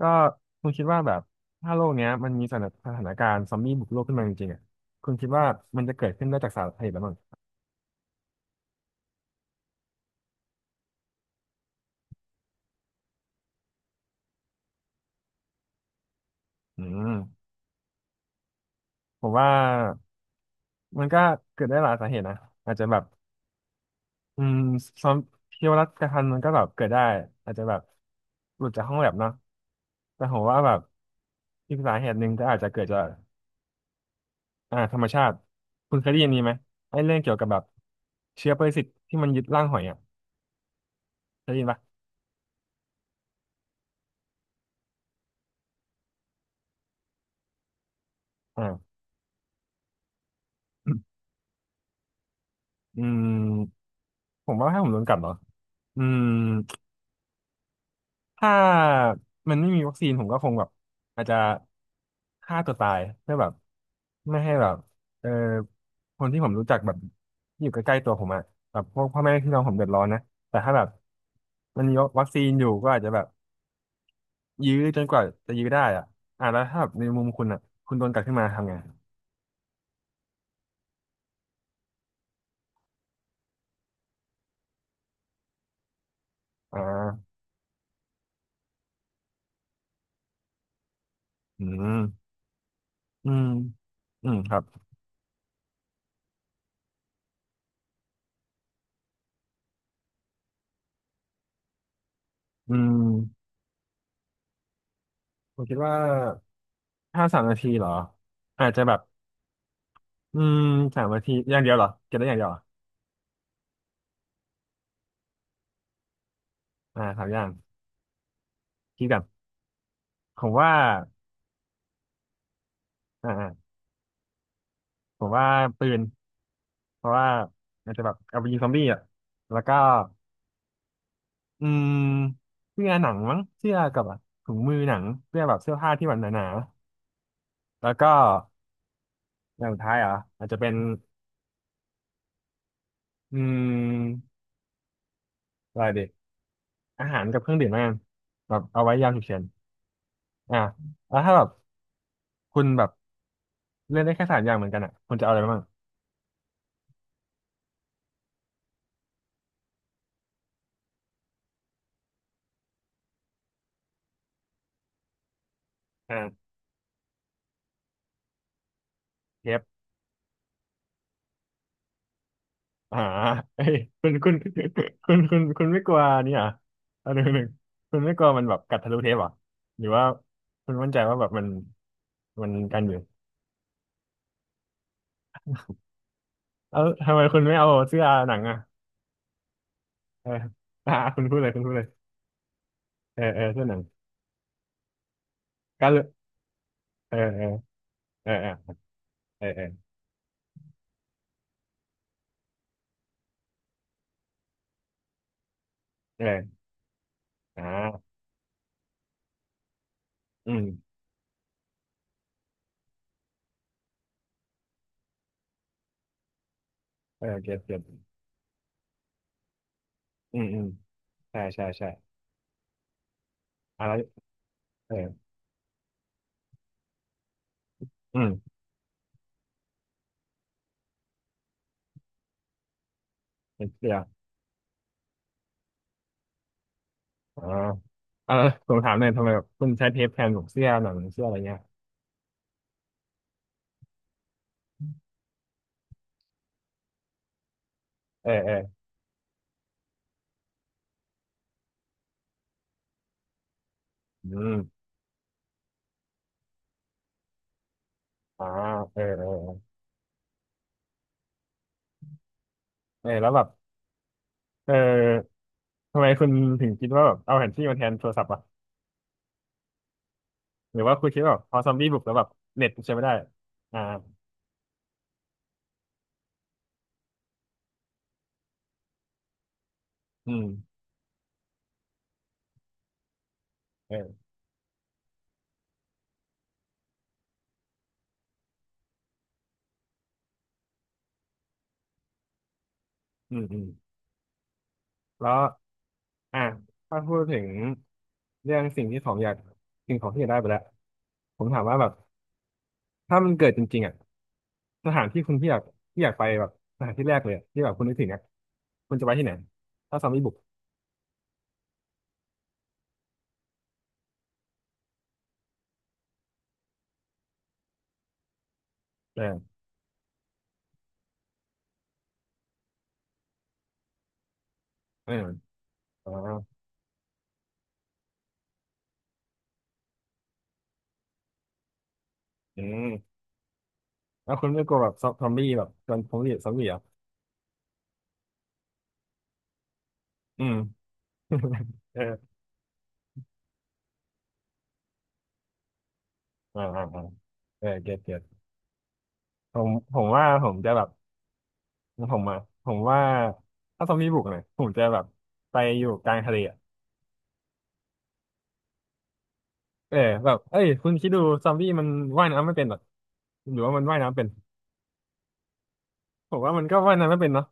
ก็คุณคิดว่าแบบถ้าโลกเนี้ยมันมีสถานการณ์ซอมบี้บุกโลกขึ้นมาจริงๆอ่ะคุณคิดว่ามันจะเกิดขึ้นได้จากสาเหตุอะไรบ้างอืมผมว่ามันก็เกิดได้หลายสาเหตุนะอาจจะแบบอืมซอมพิวรัตกระทันมันก็แบบเกิดได้อาจจะแบบหลุดจากห้องแลบเนาะแต่ผมว่าแบบอีกสาเหตุหนึ่งก็อาจจะเกิดจากธรรมชาติคุณเคยได้ยินนี้ไหมไอ้เรื่องเกี่ยวกับแบบเชื้อปรสิตที่มันยึดร่างหอยอ่ะเคยได้ยินปะอ่าอืมผมว่าให้ผมโดนกัดเหรอ อืมถ้ามันไม่มีวัคซีนผมก็คงแบบอาจจะฆ่าตัวตายเพื่อแบบไม่ให้แบบเออคนที่ผมรู้จักแบบที่อยู่ใกล้ๆตัวผมอะแบบพวกพ่อแม่พี่น้องผมเดือดร้อนนะแต่ถ้าแบบมันมีวัคซีนอยู่ก็อาจจะแบบยื้อจนกว่าจะยื้อได้อะอ่ะแล้วถ้าแบบในมุมคุณอะคุณโดนกัดขึ้นมาทำไงอ่าอืมอืมอืมครับอืมผมคิดว่าถ้าสามนาทีเหรออาจจะแบบ อืมสามนาทีอย่างเดียวเหรอเก็บได้อย่างเดียวเหรออ่าสามอย่างคิดกันผมว่าอ่าอ่าผมว่าปืนเพราะว่าอาจจะแบบเอาไปยิงซอมบี้อ่ะแล้วก็อืมเสื้อหนังมั้งเสื้อกับอะถุงมือหนังเสื้อแบบเสื้อผ้าที่แบบหนาๆแล้วก็อย่างสุดท้ายเหรออาจจะเป็นอืมอะไรดีอาหารกับเครื่องดื่มแล้วกันแบบเอาไว้ยามฉุกเฉินอ่าแล้วถ้าแบบคุณแบบเล่นได้แค่สามอย่างเหมือนกันอ่ะคุณจะเอาอะไรบ้างอ่าเทป อ่า เอ้ยคุณคุณคคุณคุณไม่กลัวนี่เหรอ่ะอันหนึ่งคุณไม่กลัวมันแบบกัดทะลุเทปเหรอ่ะหรือว่าคุณมั่นใจว่าแบบมันกันอยู่เออทำไมคุณไม่เอาเสื้อหนังอ่ะเออ อ่าคุณพูดเลยคุณพูดเลยเออเออเสื้อหนังกันเลยเออเออเออเออเออเออเอออ่าอืมเออเก็ตเก็ตอืมอืมใช่ใช่ใช่อะไรเอออืมเป็นเสื้ออ่าเออผมถามหน่อยทำไมแบบคุณใช้เทปแทนของเสื้อหนังเสื้ออะไรเงี้ยเออเออ อืมอ่าเออเออเออเออแล้วแบบเออทำไมคุณถึงคิดว่าแบบเอาแผนที่มาแทนโทรศัพท์อ่ะหรือว่าคุณคิดว่าแบบพอซอมบี้บุกแล้วแบบเน็ตใช้ไม่ได้อ่าอืมเอออืมอืมแล้วอ่าถ้าพูดถึงเรื่องสิ่งที่ของอยากสิ่งของที่อยากได้ไปแล้วผมถามว่าแบบถ้ามันเกิดจริงๆอ่ะสถานที่คุณที่อยากที่อยากไปแบบสถานที่แรกเลยอะที่แบบคุณนึกถึงอ่ะคุณจะไปที่ไหนถ้าซอมบี้บุกเออเอออ๋ออืม แล้วคุณไม่กลัวแบบซอมบี้แบบจนซอมบี้เหรออืม เอออ่าอ่าอ่าเออเก็ตเก็ตผมว่าผมจะแบบผมอ่ะผมว่าถ้าซอมบี้บุกเนี่ยผมจะแบบไปอยู่กลางทะเลอะเออแบบเอ้ยคุณคิดดูซอมบี้มันว่ายน้ำไม่เป็นหรอหรือว่ามันว่ายน้ำเป็นผมว่ามันก็ว่ายน้ำไม่เป็นเนาะ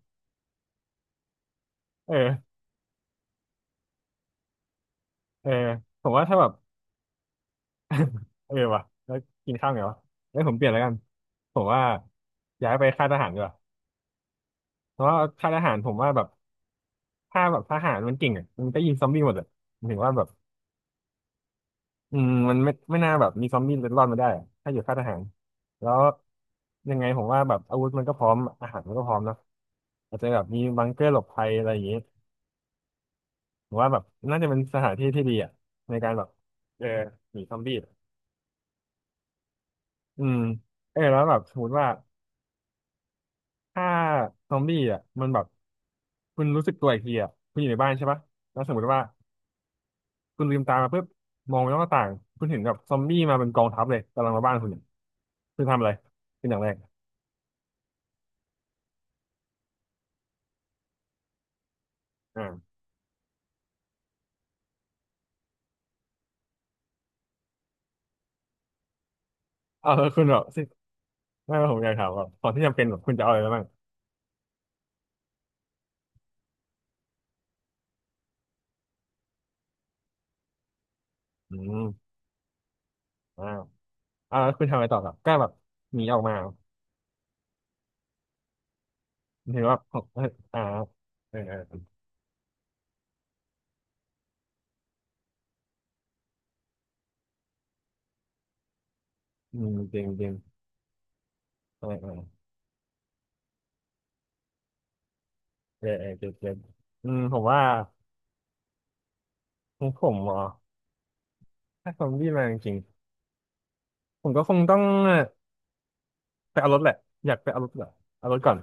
เออเออผมว่าถ้าแบบเออว่ะแล้วกินข้าวไงวะแล้วผมเปลี่ยนแล้วกันผมว่าย้ายไปค่ายทหารดีกว่าเพราะว่าค่ายทหารผมว่าแบบ ถ้าแบบทหารมันเก่งอ่ะมันก็ยิงซอมบี้หมดอ่ะหมายถึงว่าแบบอืมมันไม่น่าแบบมีซอมบี้รอดมาได้อะถ้าอยู่ค่ายทหารแล้วยังไงผมว่าแบบอาวุธมันก็พร้อมอาหารมันก็พร้อมเนอะอาจจะแบบมีบังเกอร์หลบภัยอะไรอย่างงี้ผมว่าแบบน่าจะเป็นสถานที่ที่ดีอ่ะในการแบบเออหนีซอมบี้อืมเออแล้วแบบสมมติว่าถ้าซอมบี้อ่ะมันแบบคุณรู้สึกตัวอีกทีอ่ะคุณอยู่ในบ้านใช่ปะแล้วสมมติว่า คุณลืมตามาปุ๊บมองไปนอกหน้าต่างคุณเห็นกับซอมบี้มาเป็นกองทัพเลยกำลังมาบ้านคุณเนี่ยคุณทำอะไรเป็นอย่างแรกอ่าเอาแล้วคุณแบบสิไม่ว่าผมอยากถามว่าของที่จำเป็นแบบคุณจะเอาอะไรบ้างอืมอ่าอ่าแล้วคุณทำอะไรต่อครับก็แบบหนีออกมาเห็นว่าของอ่าเออเออจริงจริงเออเออเออเออเจ็ิอืมผมว่าของผมเหรอถ้าซอมบี้มาจริงๆผมก็คงต้องไปเอารถแหละอยากไปเอารถเหรอเอารถก่อน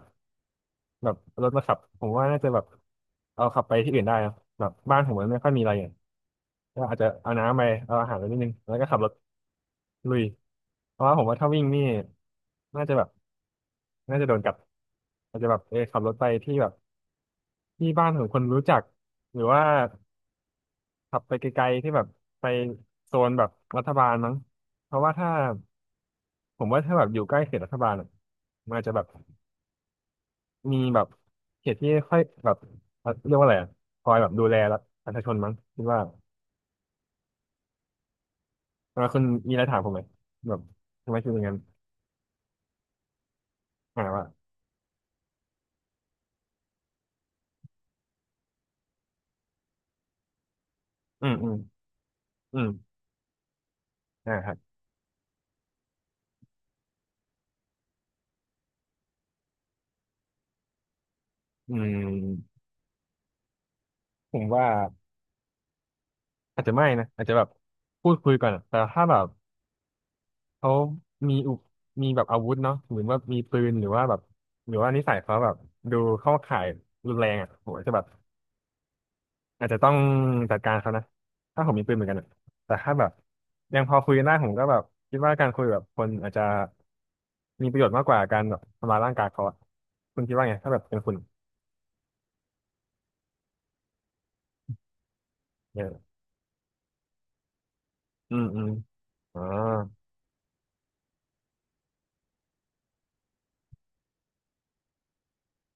แบบรถมาขับผมว่าน่าจะแบบเอาขับไปที่อื่นได้นะแบบบ้านผมมันไม่ค่อยมีอะไรอย่างก็อาจจะเอาน้ำไปเอาอาหารไปนิดนึงแล้วก็ขับรถลุยเพราะว่าผมว่าถ้าวิ่งนี่น่าจะแบบน่าจะโดนกัดอาจจะแบบขับรถไปที่แบบที่บ้านของคนรู้จักหรือว่าขับไปไกลๆที่แบบไปโซนแบบรัฐบาลมั้งเพราะว่าถ้าผมว่าถ้าแบบอยู่ใกล้เขตรัฐบาลอะมันอาจจะแบบ มีแบบเขตที่ค่อยแบบเรียกว่าอะไรอะคอยแบบดูแลรัฐประชาชนมั้งคิดว่าเออคุณมีอะไรถามผมไหมแบบทำไมคุณเป็นอย่างนั้นอ่าว่าอืมอืมอืมอ่าครับอืมผมว่าอาจจะไม่นะอาจจะแบบพูดคุยก่อนอะแต่ถ้าแบบเขามีอุปมีแบบอาวุธเนาะหรือว่ามีปืนหรือว่าแบบหรือว่านิสัยเขาแบบดูเข้าข่ายรุนแรงอ่ะผมอาจจะแบบ อาจจะต้องจัดการเขานะถ้าผมมีปืนเหมือนกันอะแต่ถ้าแบบยังพอคุยกันได้ผมก็แบบคิดว่าการคุยแบบคนอาจจะมีประโยชน์มากกว่าการแบบทำลายร่างกายเขาอะคุณคิดว่าไงถ้าแบบเป็นคุณเนี่ยอืมอืมอ่า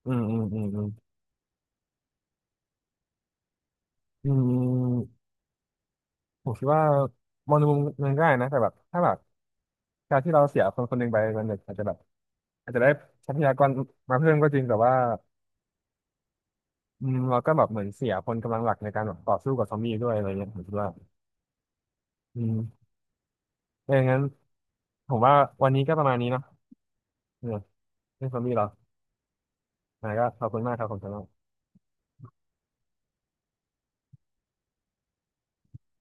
อืมอืมอืมอืมอืมผมคิดว่ามองในมุมหนึงก็ได้นะแต่แบบถ้าแบบการที่เราเสียคนคนหนึ่งไปมันอาจจะแบบอาจจะได้ทรัพยากรมาเพิ่มก็จริงแต่ว่าเราก็แบบเหมือนเสียคนกำลังหลักในการแบบต่อสู้กับซอมบี้ด้วยอะไรเงี้ยผมคิดว่า อืมเอองั้นผมว่าวันนี้ก็ประมาณนี้เนาะเออเรื่องซอมบี้เหรออ่าก็ขอบคุณมากครับผมสำหรับ